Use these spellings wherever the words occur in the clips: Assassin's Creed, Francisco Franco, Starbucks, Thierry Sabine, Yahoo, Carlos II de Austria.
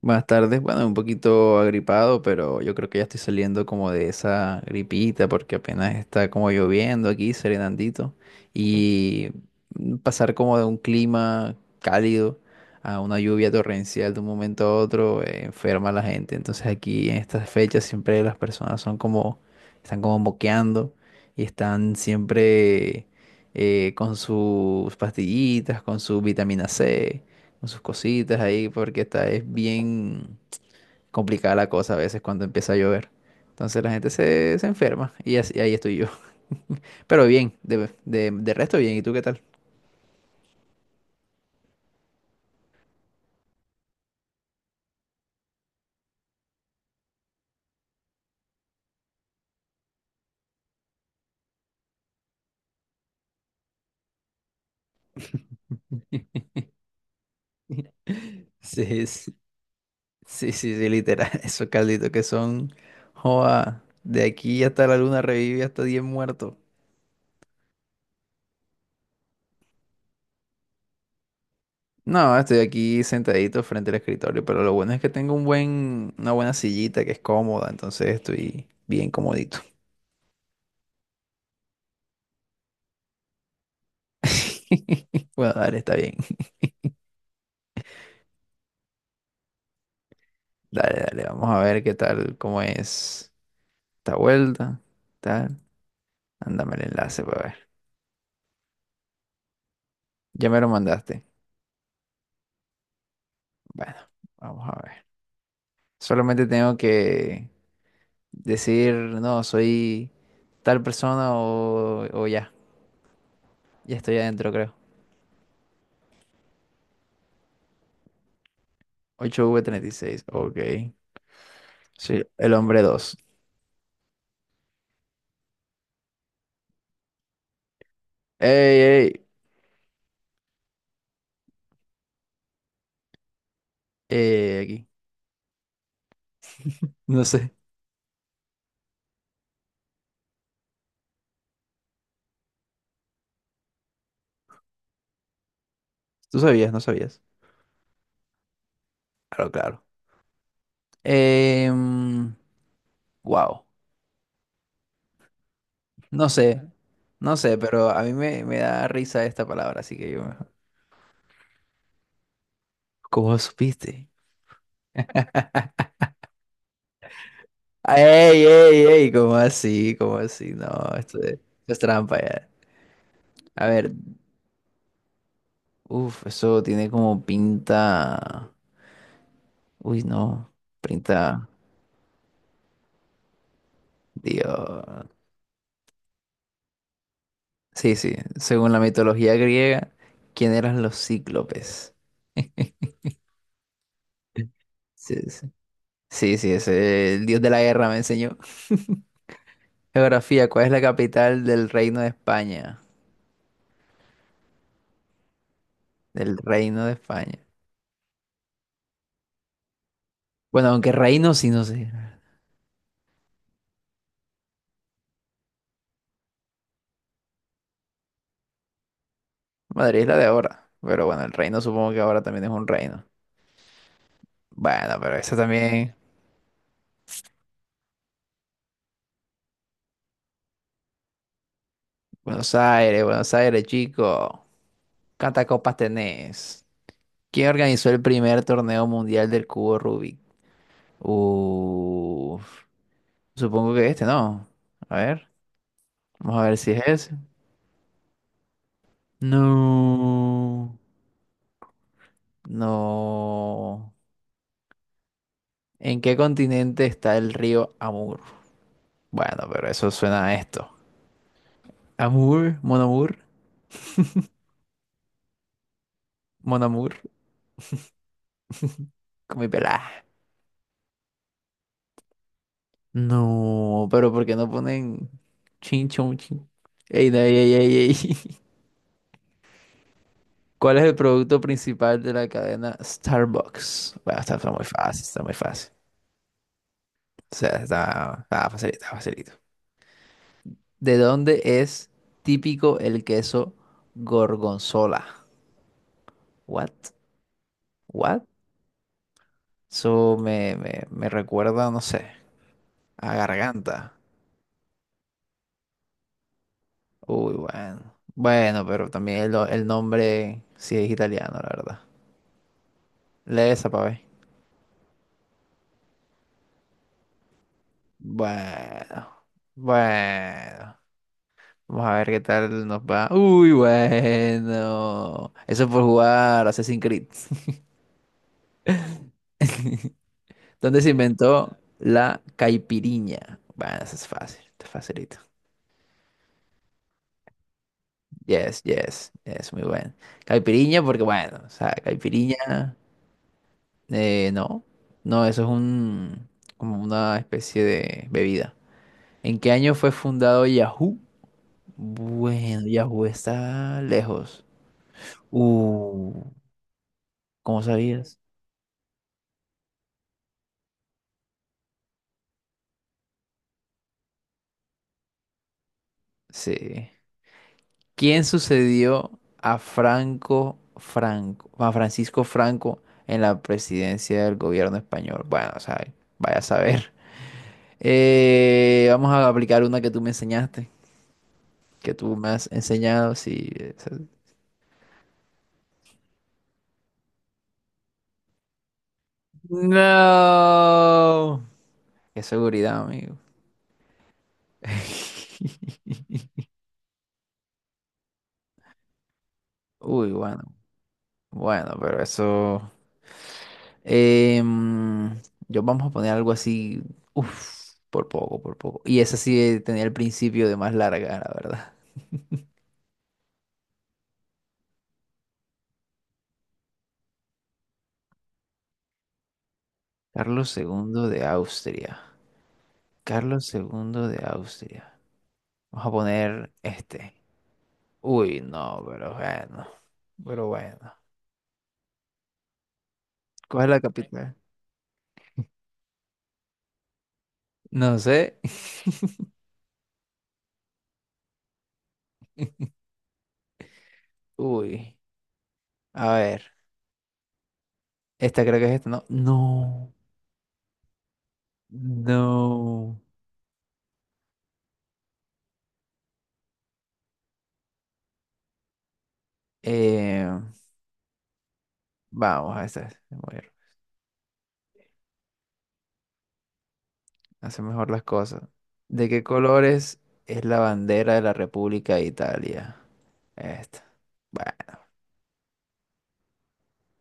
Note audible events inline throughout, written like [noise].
Buenas tardes, bueno, un poquito agripado, pero yo creo que ya estoy saliendo como de esa gripita porque apenas está como lloviendo aquí, serenandito, y pasar como de un clima cálido a una lluvia torrencial de un momento a otro enferma a la gente. Entonces aquí en estas fechas siempre las personas son como, están como moqueando y están siempre con sus pastillitas, con su vitamina C con sus cositas ahí, porque es bien complicada la cosa a veces cuando empieza a llover. Entonces la gente se enferma y ahí estoy yo. [laughs] Pero bien, de resto bien, ¿y tú qué tal? [laughs] Sí, sí, sí, sí, sí, literal, [laughs] esos calditos que son, joa, de aquí hasta la luna revive hasta 10 muertos. No, estoy aquí sentadito frente al escritorio, pero lo bueno es que tengo una buena sillita que es cómoda, entonces estoy bien comodito. [laughs] Bueno, dale, está bien. [laughs] Dale, dale, vamos a ver qué tal, cómo es esta vuelta, tal. Ándame el enlace para ver. Ya me lo mandaste. Bueno, vamos a ver. Solamente tengo que decir, no, soy tal persona o ya. Ya estoy adentro, creo. 8 v treinta y seis. OK. Sí, el hombre dos. ¡Ey, ey! Aquí. No sé. Tú sabías, no sabías. Claro, claro. Em, wow. No sé, no sé, pero a mí me da risa esta palabra, así que yo. ¿Cómo supiste? ¡Ey, ey, ey! ¿Cómo así? ¿Cómo así? No, esto es trampa ya. A ver, uff, eso tiene como pinta. Uy, no, pinta. Dios. Sí, sí, según la mitología griega, ¿quién eran los cíclopes? Sí, sí, sí, sí, ese, el dios de la guerra me enseñó. [laughs] Geografía, ¿cuál es la capital del Reino de España? Del reino de España. Bueno, aunque reino sí, no sé. Madrid es la de ahora. Pero bueno, el reino supongo que ahora también es un reino. Bueno, pero eso también. Buenos Aires, Buenos Aires, chico. ¿Cuántas copas tenés? ¿Quién organizó el primer torneo mundial del cubo Rubik? Uf, supongo que este, ¿no? A ver, vamos a ver si es ese. No, no. ¿En qué continente está el río Amur? Bueno, pero eso suena a esto. Amour, Mon Amour, Mon Amour, con mi pelada. No, pero ¿por qué no ponen chin chon chin? Ey, no, ey, ey, ey, ey. [laughs] ¿Cuál es el producto principal de la cadena Starbucks? Bueno, está muy fácil, está muy fácil. O sea, está facilito, está facilito. ¿De dónde es típico el queso gorgonzola? What? What? Eso me recuerda, no sé, a garganta. Uy, bueno. Bueno, pero también el nombre sí es italiano, la verdad. Lee esa para ver. Bueno. Bueno. Vamos a ver qué tal nos va. Uy, bueno. Eso es por jugar Assassin's Creed. [laughs] ¿Dónde se inventó la caipiriña? Bueno, eso es fácil, está facilito. Yes, yes, es muy bueno. Caipiriña, porque bueno, o sea, caipiriña, no, no, eso es como una especie de bebida. ¿En qué año fue fundado Yahoo? Bueno, Yahoo está lejos. Uh, ¿Cómo sabías? Sí. ¿Quién sucedió a Francisco Franco en la presidencia del gobierno español? Bueno, o sea, vaya a saber. [laughs] Vamos a aplicar una que tú me enseñaste, que tú me has enseñado, sí. No. Qué seguridad, amigo. [laughs] Uy, bueno. Bueno, pero eso. em, yo vamos a poner algo así. Uf, por poco, por poco. Y esa sí tenía el principio de más larga, la verdad. Carlos II de Austria. Carlos II de Austria. Vamos a poner este. Uy, no, pero bueno. Pero bueno. ¿Cuál es la capital? No sé. [laughs] Uy. A ver. Esta creo que es esta, ¿no? No. No. Eh, Vamos a esta. Hace mejor las cosas. ¿De qué colores es la bandera de la República de Italia? Esta. Bueno,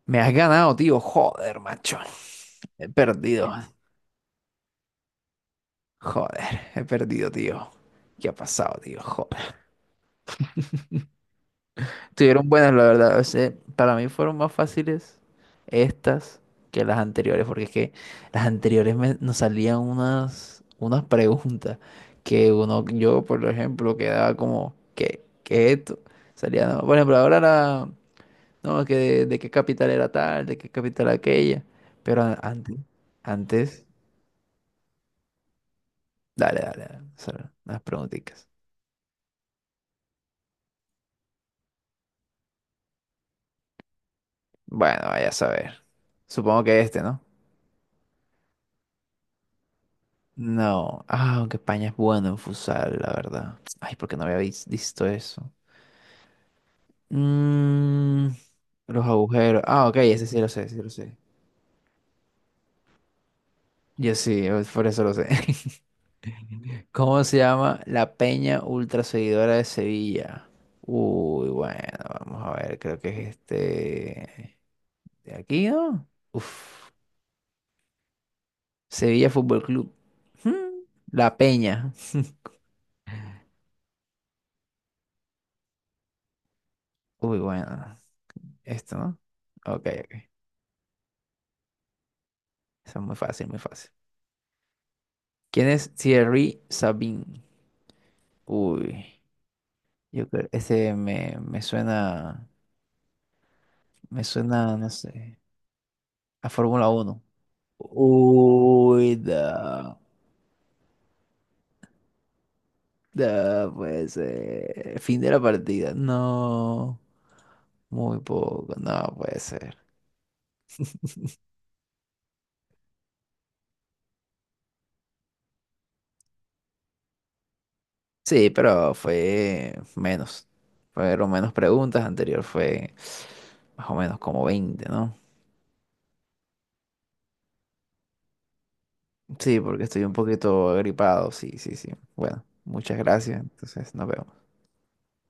me has ganado, tío. Joder, macho. He perdido. Joder, he perdido, tío. ¿Qué ha pasado, tío? Joder. Estuvieron buenas, la verdad. O sea, para mí fueron más fáciles estas que las anteriores, porque es que las anteriores nos salían unas preguntas que uno, yo por ejemplo, quedaba como, ¿qué es esto? Salía, no, por ejemplo, ahora era, no, que de qué capital era tal, de qué capital aquella, pero antes, dale, dale, dale, solo las preguntitas. Bueno, vaya a saber. Supongo que este, ¿no? No, ah, aunque España es bueno en futsal, la verdad. Ay, porque no había visto eso. Mm, los agujeros. Ah, OK, ese sí lo sé, sí lo sé. Yo sí, por eso lo sé. [laughs] ¿Cómo se llama la peña ultra seguidora de Sevilla? Uy, bueno, vamos a ver, creo que es este de aquí, ¿no? Uf, Sevilla Fútbol Club. Hmm, La peña. Uy, bueno, esto, ¿no? OK, OK. Eso es muy fácil, muy fácil. ¿Quién es Thierry Sabine? Uy, yo creo, ese me me suena, no sé, a Fórmula Uno. Uy, no, no puede ser. Fin de la partida. No, muy poco, no puede ser. Sí, pero fue menos. Fueron menos preguntas, anterior fue más o menos como 20, ¿no? Sí, porque estoy un poquito agripado, sí, sí, sí. Bueno, muchas gracias, entonces nos vemos.